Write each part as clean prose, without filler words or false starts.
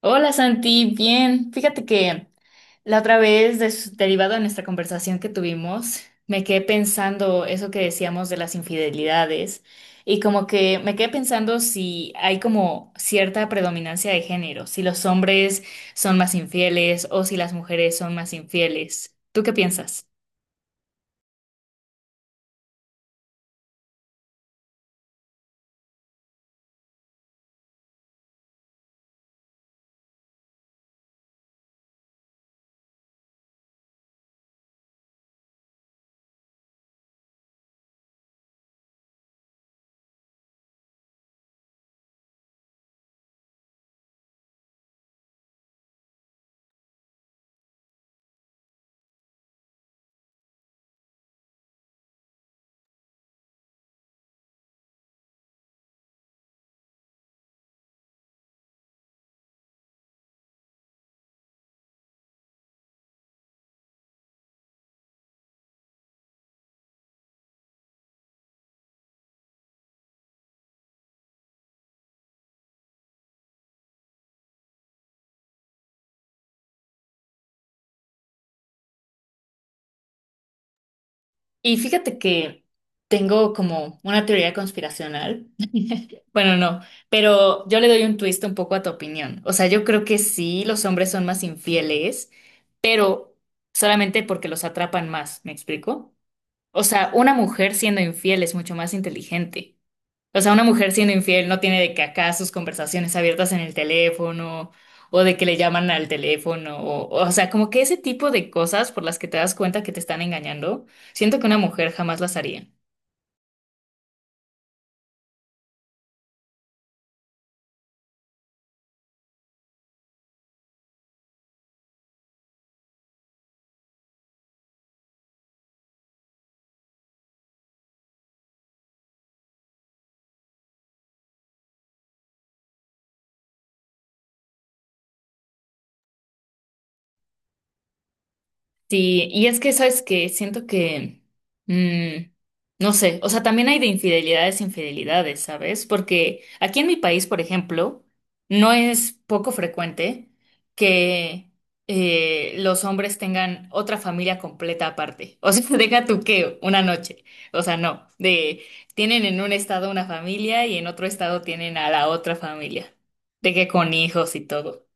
Hola Santi, bien. Fíjate que la otra vez, derivado de nuestra conversación que tuvimos, me quedé pensando eso que decíamos de las infidelidades y como que me quedé pensando si hay como cierta predominancia de género, si los hombres son más infieles o si las mujeres son más infieles. ¿Tú qué piensas? Y fíjate que tengo como una teoría conspiracional. Bueno, no, pero yo le doy un twist un poco a tu opinión. O sea, yo creo que sí, los hombres son más infieles, pero solamente porque los atrapan más, ¿me explico? O sea, una mujer siendo infiel es mucho más inteligente. O sea, una mujer siendo infiel no tiene de que acá sus conversaciones abiertas en el teléfono o de que le llaman al teléfono o sea, como que ese tipo de cosas por las que te das cuenta que te están engañando, siento que una mujer jamás las haría. Sí, y es que, ¿sabes que siento que, mm, no sé, o sea, también hay de infidelidades, infidelidades, ¿sabes? Porque aquí en mi país, por ejemplo, no es poco frecuente que los hombres tengan otra familia completa aparte. O sea, deja tú que una noche. O sea, no, de tienen en un estado una familia y en otro estado tienen a la otra familia, de que con hijos y todo.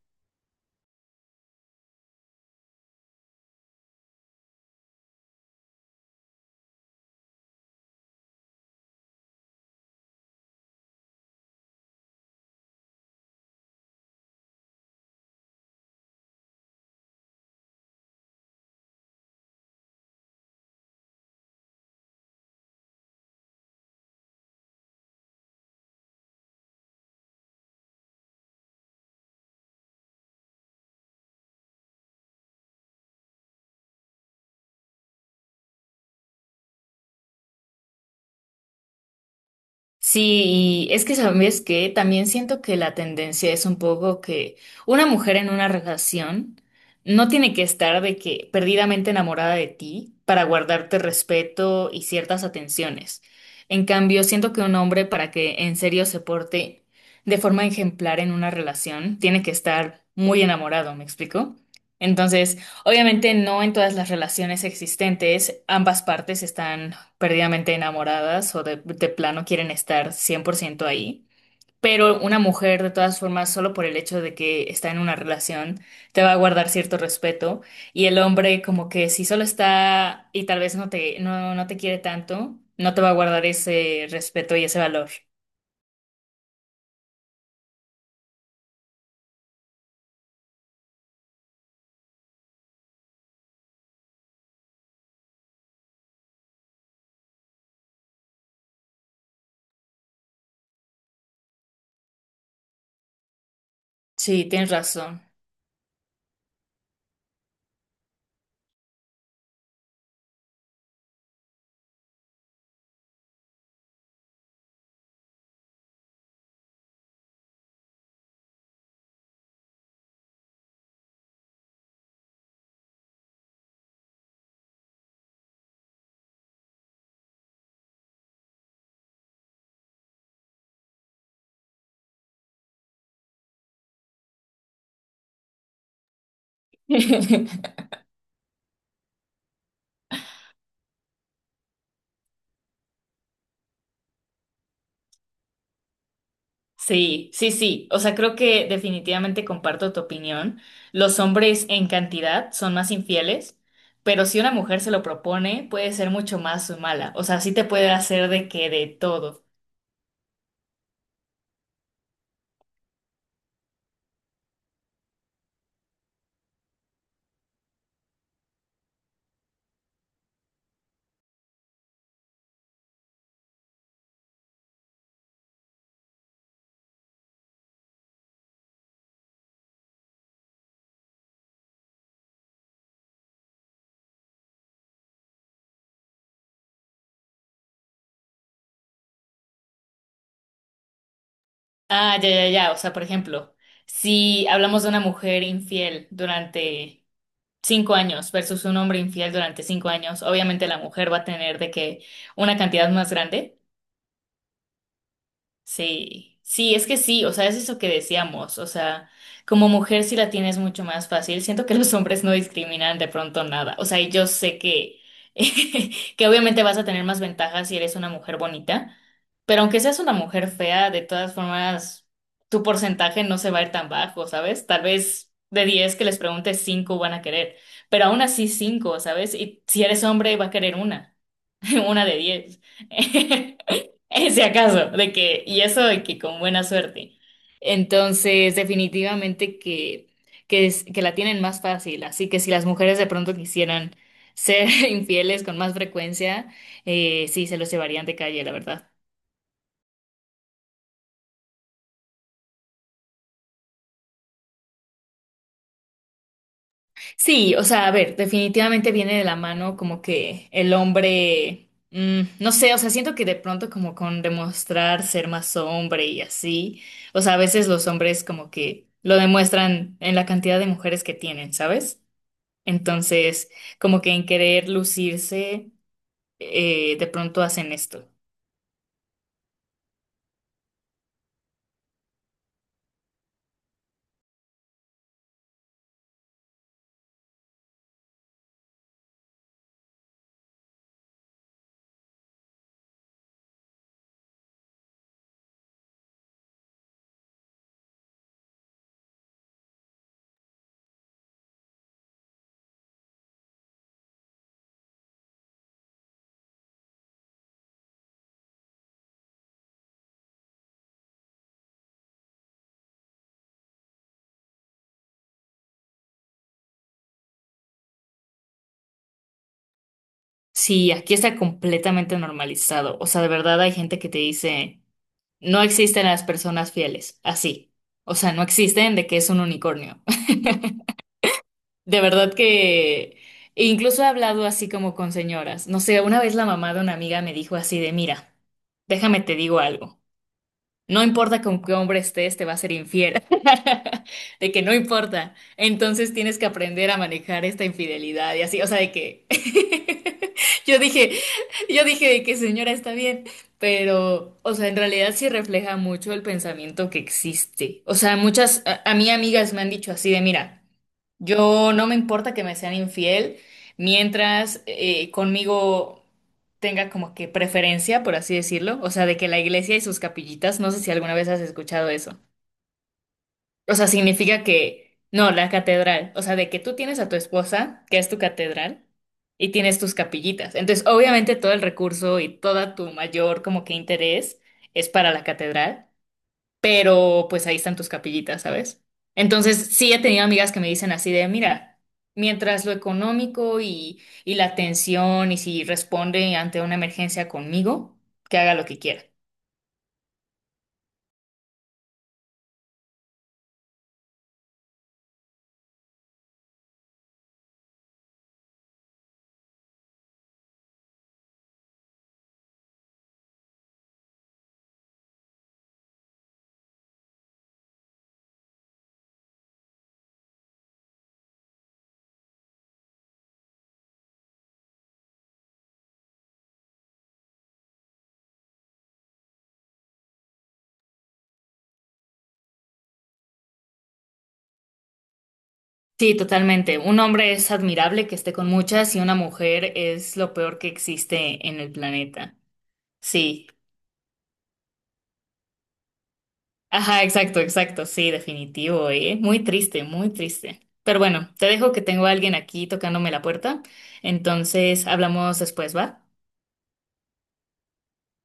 Sí, y es que sabes que también siento que la tendencia es un poco que una mujer en una relación no tiene que estar de que perdidamente enamorada de ti para guardarte respeto y ciertas atenciones. En cambio, siento que un hombre para que en serio se porte de forma ejemplar en una relación tiene que estar muy enamorado, ¿me explico? Entonces, obviamente no en todas las relaciones existentes ambas partes están perdidamente enamoradas o de plano quieren estar 100% ahí. Pero una mujer, de todas formas, solo por el hecho de que está en una relación, te va a guardar cierto respeto. Y el hombre, como que si solo está y tal vez no te, no te quiere tanto, no te va a guardar ese respeto y ese valor. Sí, tienes razón. Sí, sí, sí. O sea, creo que definitivamente comparto tu opinión. Los hombres en cantidad son más infieles, pero si una mujer se lo propone, puede ser mucho más mala. O sea, sí te puede hacer de que de todo. Ah, ya, ya, ya. O sea, por ejemplo, si hablamos de una mujer infiel durante 5 años versus un hombre infiel durante 5 años, obviamente la mujer va a tener de que una cantidad más grande. Sí, sí, es que sí, o sea, es eso que decíamos, o sea, como mujer sí la tienes mucho más fácil, siento que los hombres no discriminan de pronto nada, o sea, y yo sé que, que obviamente vas a tener más ventajas si eres una mujer bonita, pero aunque seas una mujer fea, de todas formas, tu porcentaje no se va a ir tan bajo, ¿sabes? Tal vez de 10 que les preguntes, 5 van a querer, pero aún así 5, ¿sabes? Y si eres hombre, va a querer una. Una de 10. Ese acaso, de que, y eso de que con buena suerte. Entonces, definitivamente que la tienen más fácil. Así que si las mujeres de pronto quisieran ser infieles con más frecuencia, sí, se los llevarían de calle, la verdad. Sí, o sea, a ver, definitivamente viene de la mano como que el hombre, no sé, o sea, siento que de pronto como con demostrar ser más hombre y así, o sea, a veces los hombres como que lo demuestran en la cantidad de mujeres que tienen, ¿sabes? Entonces, como que en querer lucirse, de pronto hacen esto. Sí, aquí está completamente normalizado, o sea, de verdad hay gente que te dice, no existen las personas fieles, así, o sea, no existen de que es un unicornio. De verdad que e incluso he hablado así como con señoras. No sé, una vez la mamá de una amiga me dijo así de, mira, déjame te digo algo. No importa con qué hombre estés, te va a ser infiel. De que no importa. Entonces tienes que aprender a manejar esta infidelidad y así. O sea, de que yo dije, yo dije de que señora está bien. Pero, o sea, en realidad sí refleja mucho el pensamiento que existe. O sea, muchas, a mí amigas me han dicho así de, mira. Yo no me importa que me sean infiel mientras conmigo tenga como que preferencia, por así decirlo, o sea, de que la iglesia y sus capillitas, no sé si alguna vez has escuchado eso. O sea, significa que, no, la catedral, o sea, de que tú tienes a tu esposa, que es tu catedral, y tienes tus capillitas. Entonces, obviamente todo el recurso y toda tu mayor como que interés es para la catedral pero pues ahí están tus capillitas, ¿sabes? Entonces sí he tenido amigas que me dicen así de, mira, mientras lo económico y la atención y si responde ante una emergencia conmigo, que haga lo que quiera. Sí, totalmente. Un hombre es admirable que esté con muchas y una mujer es lo peor que existe en el planeta. Sí. Ajá, exacto, exacto. Sí, definitivo, ¿eh? Muy triste, muy triste. Pero bueno, te dejo que tengo a alguien aquí tocándome la puerta. Entonces, hablamos después, ¿va?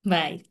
Bye.